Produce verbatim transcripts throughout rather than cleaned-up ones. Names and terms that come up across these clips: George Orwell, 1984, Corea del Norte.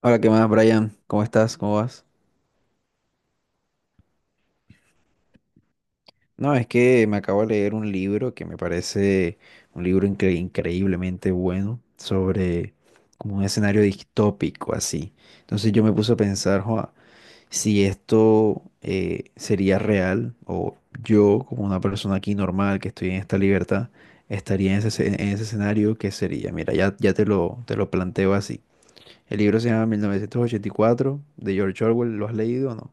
Hola, ¿qué más, Brian? ¿Cómo estás? ¿Cómo vas? No, es que me acabo de leer un libro que me parece un libro incre- increíblemente bueno sobre como un escenario distópico así. Entonces yo me puse a pensar: "Joa, si esto eh, sería real, o yo, como una persona aquí normal que estoy en esta libertad, estaría en ese, escen- en ese escenario, ¿qué sería?". Mira, ya, ya te lo, te lo planteo así. El libro se llama mil novecientos ochenta y cuatro, de George Orwell. ¿Lo has leído o no?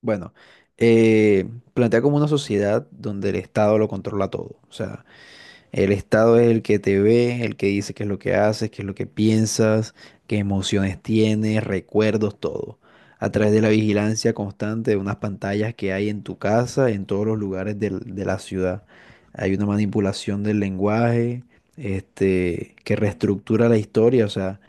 Bueno, eh, plantea como una sociedad donde el Estado lo controla todo. O sea, el Estado es el que te ve, el que dice qué es lo que haces, qué es lo que piensas, qué emociones tienes, recuerdos, todo. A través de la vigilancia constante de unas pantallas que hay en tu casa, en todos los lugares del- de la ciudad. Hay una manipulación del lenguaje, este, que reestructura la historia. O sea,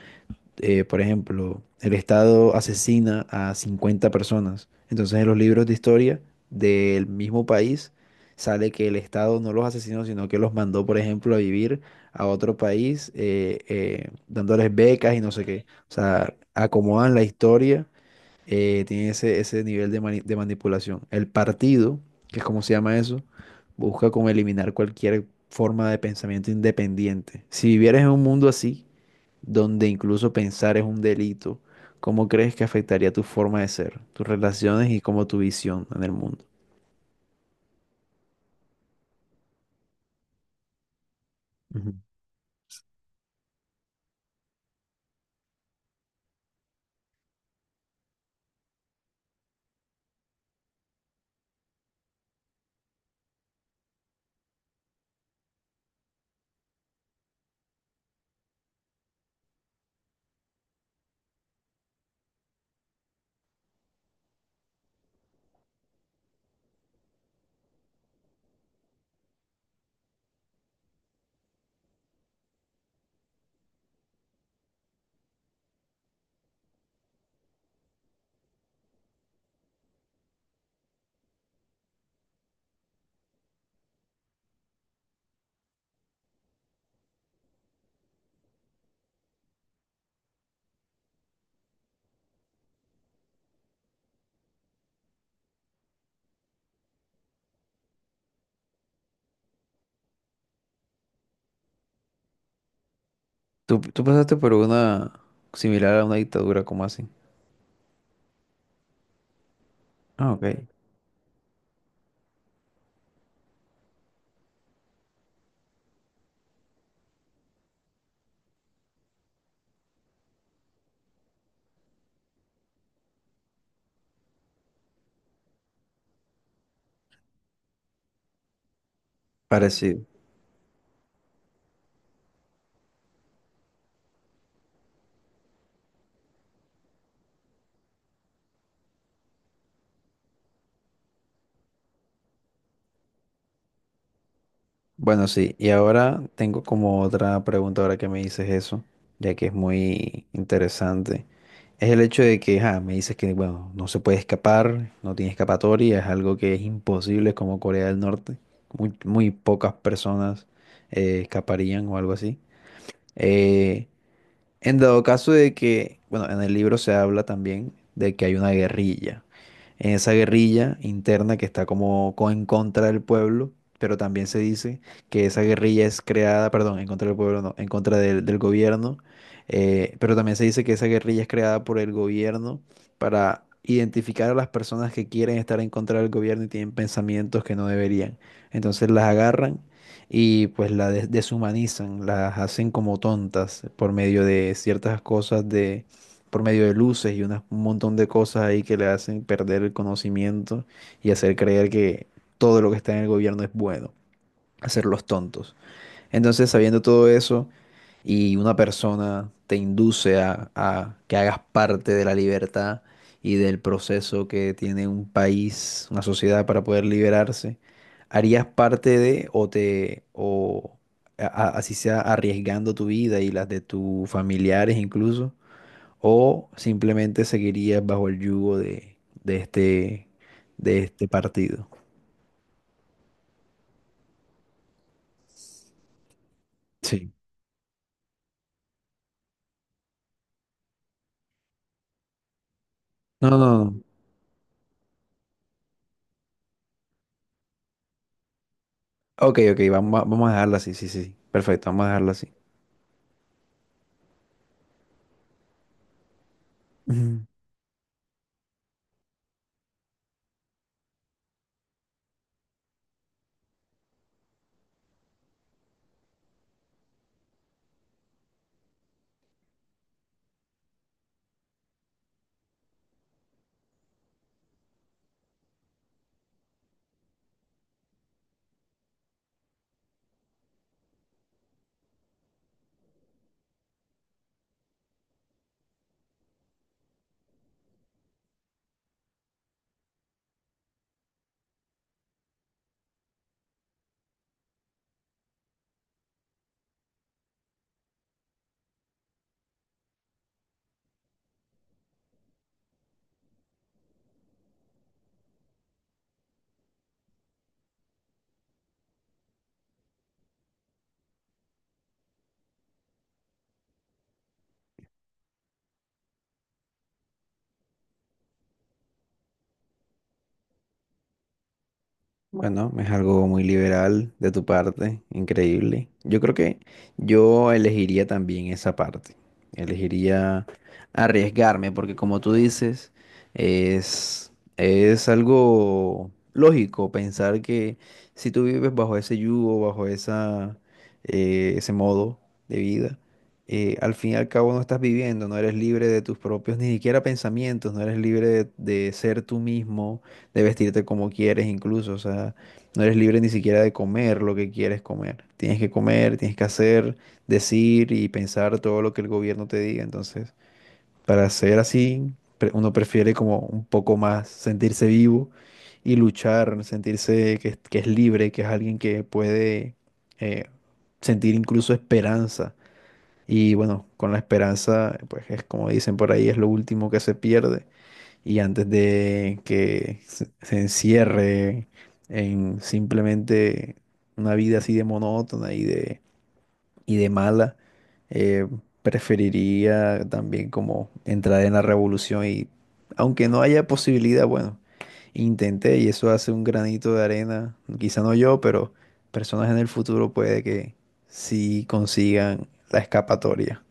eh, por ejemplo, el Estado asesina a cincuenta personas. Entonces en los libros de historia del mismo país sale que el Estado no los asesinó, sino que los mandó, por ejemplo, a vivir a otro país, eh, eh, dándoles becas y no sé qué. O sea, acomodan la historia, eh, tienen ese, ese nivel de, mani- de manipulación. El partido, que es como se llama eso, busca como eliminar cualquier forma de pensamiento independiente. Si vivieras en un mundo así, donde incluso pensar es un delito, ¿cómo crees que afectaría tu forma de ser, tus relaciones y como tu visión en el mundo? Ujú. Tú, tú pasaste por una similar a una dictadura, ¿como así? Ah, ok. Parecido. Bueno, sí, y ahora tengo como otra pregunta ahora que me dices eso, ya que es muy interesante. Es el hecho de que, ah, me dices que, bueno, no se puede escapar, no tiene escapatoria, es algo que es imposible, es como Corea del Norte. Muy, muy pocas personas eh, escaparían o algo así. Eh, en dado caso de que, bueno, en el libro se habla también de que hay una guerrilla. En esa guerrilla interna que está como co- en contra del pueblo, pero también se dice que esa guerrilla es creada, perdón, en contra del pueblo, no, en contra del, del gobierno, eh, pero también se dice que esa guerrilla es creada por el gobierno para identificar a las personas que quieren estar en contra del gobierno y tienen pensamientos que no deberían. Entonces las agarran y pues la des- deshumanizan, las hacen como tontas por medio de ciertas cosas de, por medio de luces y unas- un montón de cosas ahí que le hacen perder el conocimiento y hacer creer que todo lo que está en el gobierno es bueno, hacerlos tontos. Entonces, sabiendo todo eso, y una persona te induce a, a que hagas parte de la libertad y del proceso que tiene un país, una sociedad para poder liberarse, ¿harías parte de o te o a- a- así sea arriesgando tu vida y las de tus familiares incluso, o simplemente seguirías bajo el yugo de, de este de este partido? Sí. No, no, no. Ok, ok, vamos a, vamos a dejarla así, sí, sí, sí. Perfecto, vamos a dejarla así. Bueno, es algo muy liberal de tu parte, increíble. Yo creo que yo elegiría también esa parte. Elegiría arriesgarme, porque como tú dices, es, es algo lógico pensar que si tú vives bajo ese yugo, bajo esa, eh, ese modo de vida, eh, al fin y al cabo no estás viviendo, no eres libre de tus propios ni siquiera pensamientos, no eres libre de de ser tú mismo, de vestirte como quieres incluso. O sea, no eres libre ni siquiera de comer lo que quieres comer. Tienes que comer, tienes que hacer, decir y pensar todo lo que el gobierno te diga. Entonces, para ser así, pre- uno prefiere como un poco más sentirse vivo y luchar, sentirse que, es- que es libre, que es alguien que puede eh, sentir incluso esperanza. Y bueno, con la esperanza, pues es como dicen por ahí, es lo último que se pierde. Y antes de que se, se encierre en simplemente una vida así de monótona y de, y de mala, eh, preferiría también como entrar en la revolución y, aunque no haya posibilidad, bueno, intenté y eso hace un granito de arena, quizá no yo, pero personas en el futuro puede que sí consigan la escapatoria.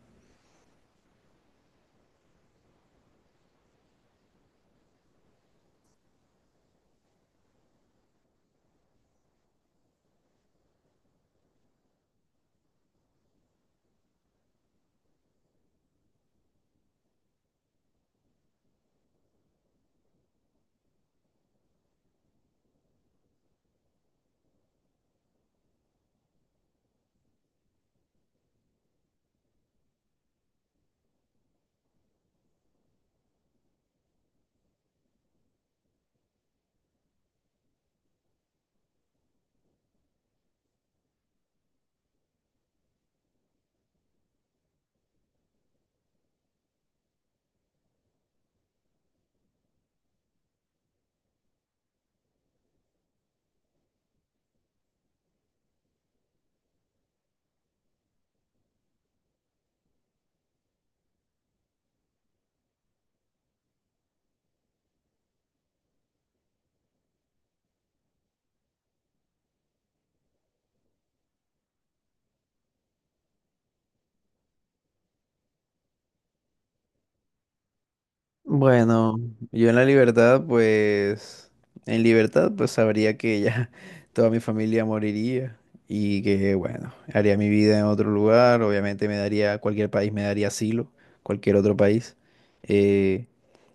Bueno, yo en la libertad, pues, en libertad, pues sabría que ya toda mi familia moriría y que, bueno, haría mi vida en otro lugar. Obviamente me daría, cualquier país me daría asilo, cualquier otro país. Eh,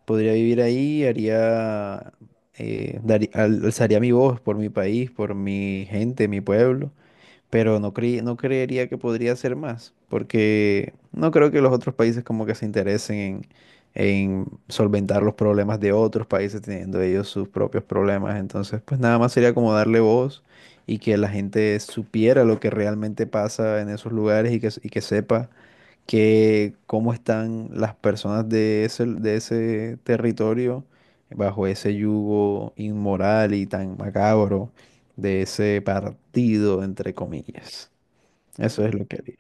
Podría vivir ahí, haría, eh, darí- al- alzaría mi voz por mi país, por mi gente, mi pueblo, pero no creí- no creería que podría ser más, porque no creo que los otros países como que se interesen en, en solventar los problemas de otros países teniendo ellos sus propios problemas. Entonces, pues nada más sería como darle voz y que la gente supiera lo que realmente pasa en esos lugares y que, y que sepa que cómo están las personas de ese, de ese territorio bajo ese yugo inmoral y tan macabro de ese partido, entre comillas. Eso es lo que haría.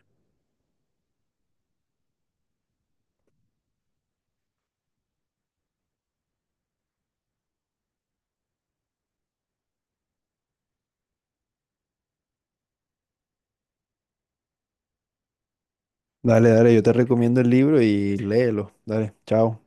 Dale, dale, yo te recomiendo el libro y léelo. Dale, chao.